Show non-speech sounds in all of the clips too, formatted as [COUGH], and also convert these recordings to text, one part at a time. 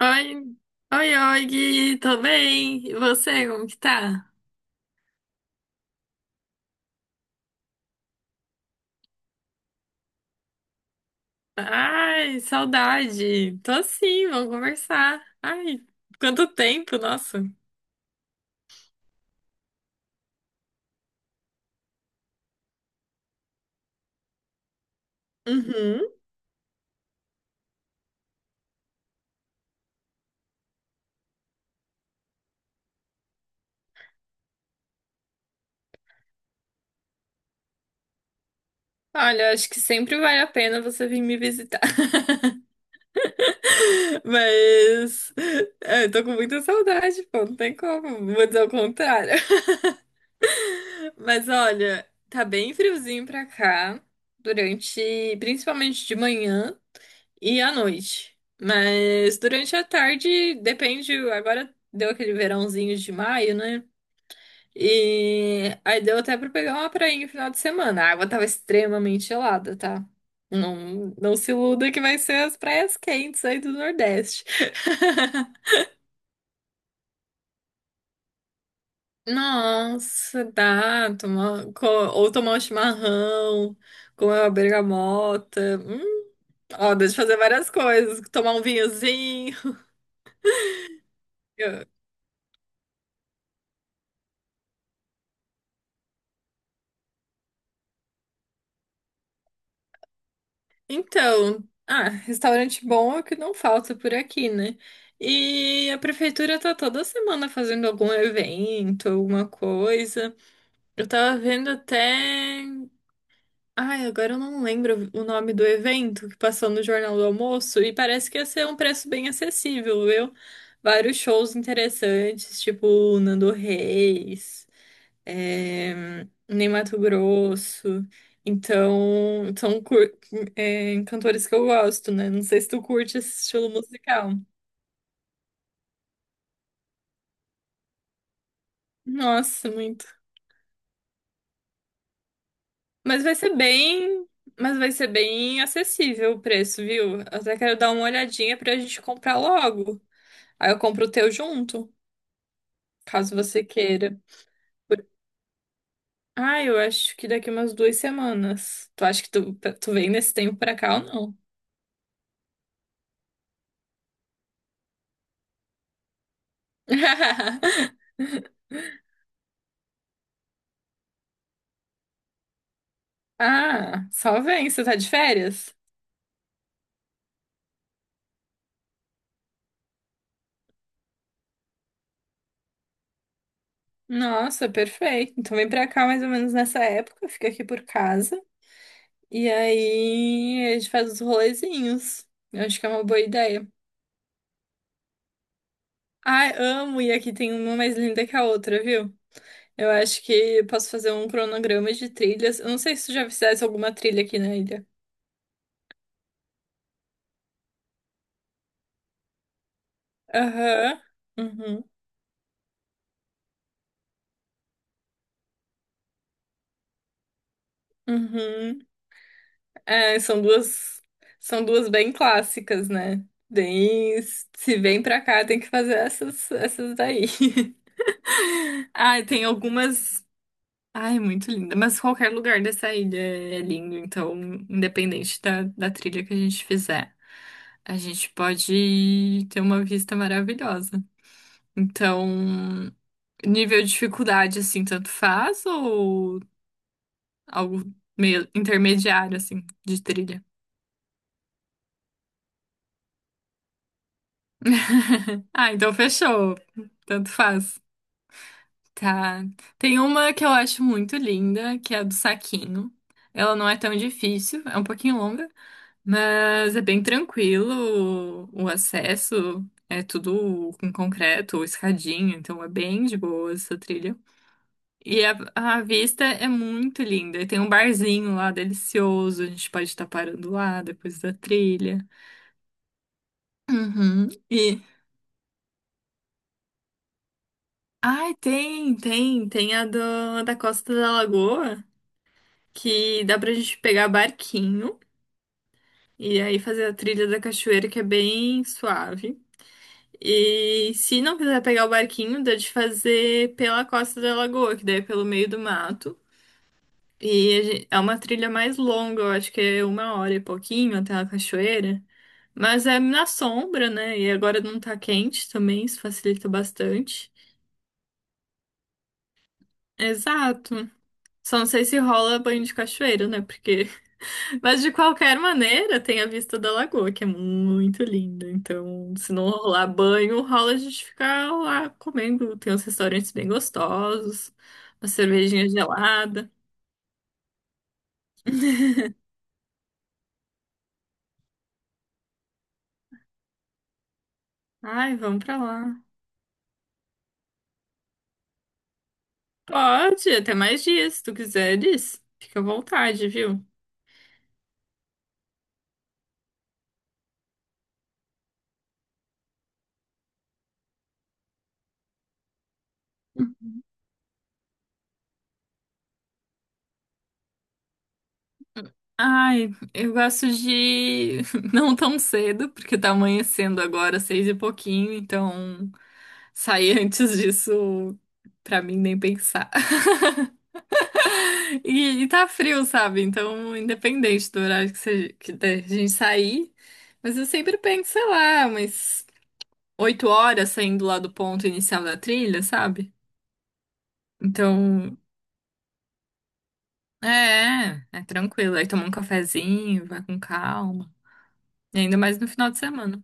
Oi, oi, oi, Gui, tô bem. E você, como que tá? Ai, saudade. Tô sim, vamos conversar. Ai, quanto tempo, nossa. Uhum. Olha, acho que sempre vale a pena você vir me visitar. [LAUGHS] Mas é, eu tô com muita saudade, pô, não tem como, vou dizer o contrário. [LAUGHS] Mas olha, tá bem friozinho pra cá, durante, principalmente de manhã. E à noite. Mas durante a tarde, depende. Agora deu aquele verãozinho de maio, né? E aí deu até pra pegar uma prainha no final de semana. A água tava extremamente gelada, tá? Não, não se iluda que vai ser as praias quentes aí do Nordeste. [LAUGHS] Nossa, dá. Ou tomar um chimarrão, comer uma bergamota. Ó, dá de fazer várias coisas. Tomar um vinhozinho. [LAUGHS] Então, restaurante bom é o que não falta por aqui, né? E a prefeitura tá toda semana fazendo algum evento, alguma coisa. Eu tava vendo até. Ai, agora eu não lembro o nome do evento que passou no Jornal do Almoço e parece que ia ser um preço bem acessível, viu? Vários shows interessantes, tipo o Nando Reis, eh, nem Mato Grosso. Então, são cantores que eu gosto, né? Não sei se tu curte esse estilo musical. Nossa, muito. Mas vai ser bem, mas vai ser bem acessível o preço, viu? Eu até quero dar uma olhadinha pra gente comprar logo. Aí eu compro o teu junto, caso você queira. Por- eu acho que daqui umas 2 semanas. Tu acha que tu, vem nesse tempo pra cá ou não? [LAUGHS] Só vem, você tá de férias? Nossa, perfeito. Então vem pra cá mais ou menos nessa época, fica aqui por casa. E aí a gente faz os rolezinhos. Eu acho que é uma boa ideia. Ai, amo, e aqui tem uma mais linda que a outra, viu? Eu acho que eu posso fazer um cronograma de trilhas. Eu não sei se tu já fizesse alguma trilha aqui na ilha. Aham. Uhum. Uhum. É, são duas, bem clássicas, né? Bem, se vem pra cá, tem que fazer essas daí. [LAUGHS] Ai, tem algumas. Ai, muito linda. Mas qualquer lugar dessa ilha é lindo, então, independente da trilha que a gente fizer, a gente pode ter uma vista maravilhosa. Então, nível de dificuldade, assim, tanto faz ou algo meio intermediário, assim, de trilha? [LAUGHS] Ah, então fechou. Tanto faz. Tá. Tem uma que eu acho muito linda, que é a do saquinho. Ela não é tão difícil, é um pouquinho longa, mas é bem tranquilo o acesso. É tudo com concreto, ou escadinha, então é bem de boa essa trilha. E a, vista é muito linda. E tem um barzinho lá delicioso, a gente pode estar parando lá depois da trilha. Uhum. Ai, tem, tem. Tem a da Costa da Lagoa, que dá pra gente pegar barquinho e aí fazer a trilha da cachoeira, que é bem suave. E se não quiser pegar o barquinho, dá de fazer pela Costa da Lagoa, que daí é pelo meio do mato. É uma trilha mais longa, eu acho que é uma hora e pouquinho até a cachoeira. Mas é na sombra, né? E agora não tá quente também, isso facilita bastante. Exato. Só não sei se rola banho de cachoeira, né? Porque. [LAUGHS] Mas de qualquer maneira, tem a vista da lagoa, que é muito linda. Então, se não rolar banho, rola a gente ficar lá comendo. Tem uns restaurantes bem gostosos, uma cervejinha gelada. Ai, vamos pra lá. Pode, até mais dias, se tu quiseres. Fica à vontade, viu? Ai, eu gosto de [LAUGHS] não tão cedo, porque tá amanhecendo agora, seis e pouquinho, então sair [LAUGHS] antes disso, pra mim, nem pensar. [LAUGHS] E tá frio, sabe? Então, independente do horário que, seja, que da gente sair, mas eu sempre penso, sei lá, umas 8 horas saindo lá do ponto inicial da trilha, sabe? Então, é tranquilo. Aí toma um cafezinho, vai com calma. E ainda mais no final de semana.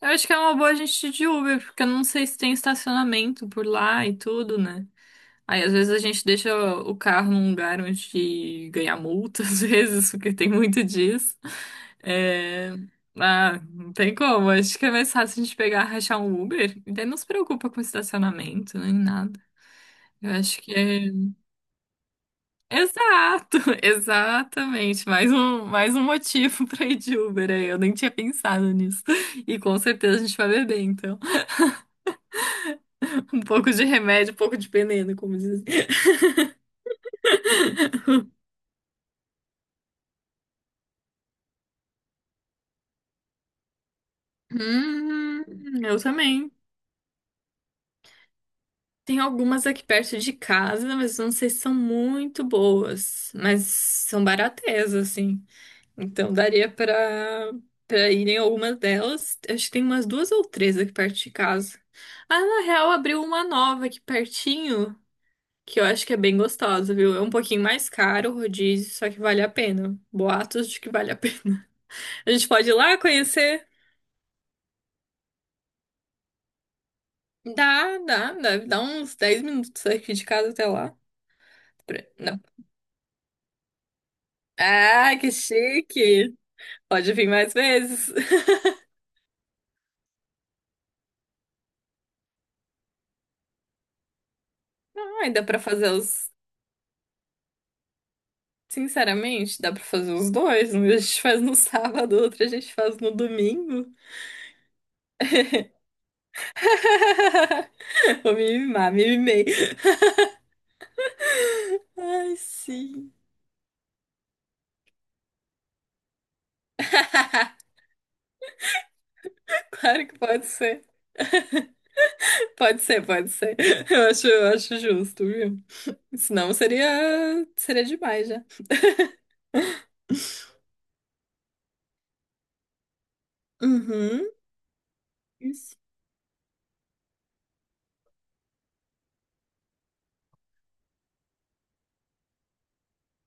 Eu acho que é uma boa a gente ir de Uber, porque eu não sei se tem estacionamento por lá e tudo, né? Aí às vezes a gente deixa o carro num lugar onde ganha multa, [LAUGHS] às vezes, porque tem muito disso. É... Ah, não tem como. Acho que é mais fácil a gente pegar, rachar um Uber. E daí não se preocupa com estacionamento, nem nada. Eu acho que é. Exato, [LAUGHS] exatamente. Mais um motivo [LAUGHS] pra ir de Uber aí. Eu nem tinha pensado nisso. E com certeza a gente vai beber, então. Um pouco de remédio, um pouco de veneno, como dizem. Hum, eu também. Tem algumas aqui perto de casa, mas não sei se são muito boas. Mas são baratas, assim. Então daria pra, ir em algumas delas. Acho que tem umas duas ou três aqui perto de casa. Ah, na real, abriu uma nova aqui pertinho, que eu acho que é bem gostosa, viu? É um pouquinho mais caro o rodízio, só que vale a pena. Boatos de que vale a pena. [LAUGHS] A gente pode ir lá conhecer. Dá, dá, deve dar uns 10 minutos aqui de casa até lá. Não. Ah, que chique! Pode vir mais vezes. [LAUGHS] Ai, dá pra fazer os. Sinceramente, dá pra fazer os dois. Um a gente faz no sábado, outro a gente faz no domingo. [LAUGHS] Vou me mimar, me mimei. Ai, sim. [LAUGHS] Claro que pode ser. Pode ser, pode ser. Eu acho justo, viu? Senão seria demais já. Uhum.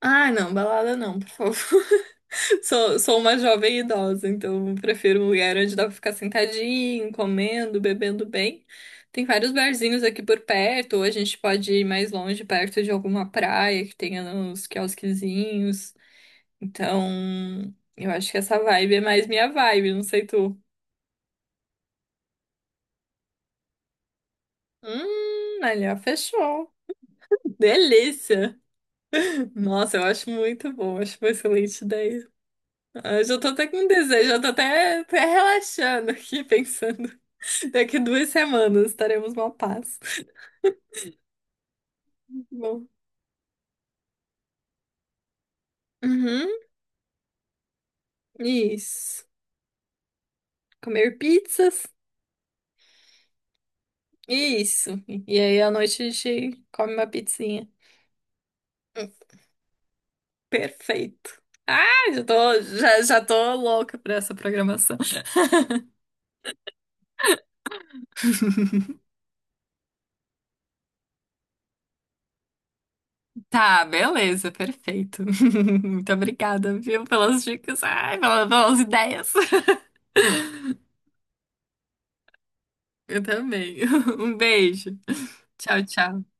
Ah, não, balada não, por favor. [LAUGHS] Sou uma jovem idosa, então prefiro um lugar onde dá pra ficar sentadinho, comendo, bebendo bem. Tem vários barzinhos aqui por perto, ou a gente pode ir mais longe, perto de alguma praia que tenha uns quiosquezinhos. Então, eu acho que essa vibe é mais minha vibe, não sei tu. Ali, ó, fechou. Delícia! Nossa, eu acho muito bom, acho uma excelente ideia. Ah, eu já tô até com desejo, eu tô até, relaxando aqui, pensando. [LAUGHS] Daqui 2 semanas estaremos numa paz. Bom. Uhum, isso. Comer pizzas? Isso. E aí à noite a gente come uma pizzinha. Hum, Perfeito. Ah, já tô, já tô louca pra essa programação. Tá, beleza, perfeito. [LAUGHS] Muito obrigada, viu, pelas dicas, ai, pelas ideias. [LAUGHS] Eu também. [LAUGHS] Um beijo. Tchau, tchau.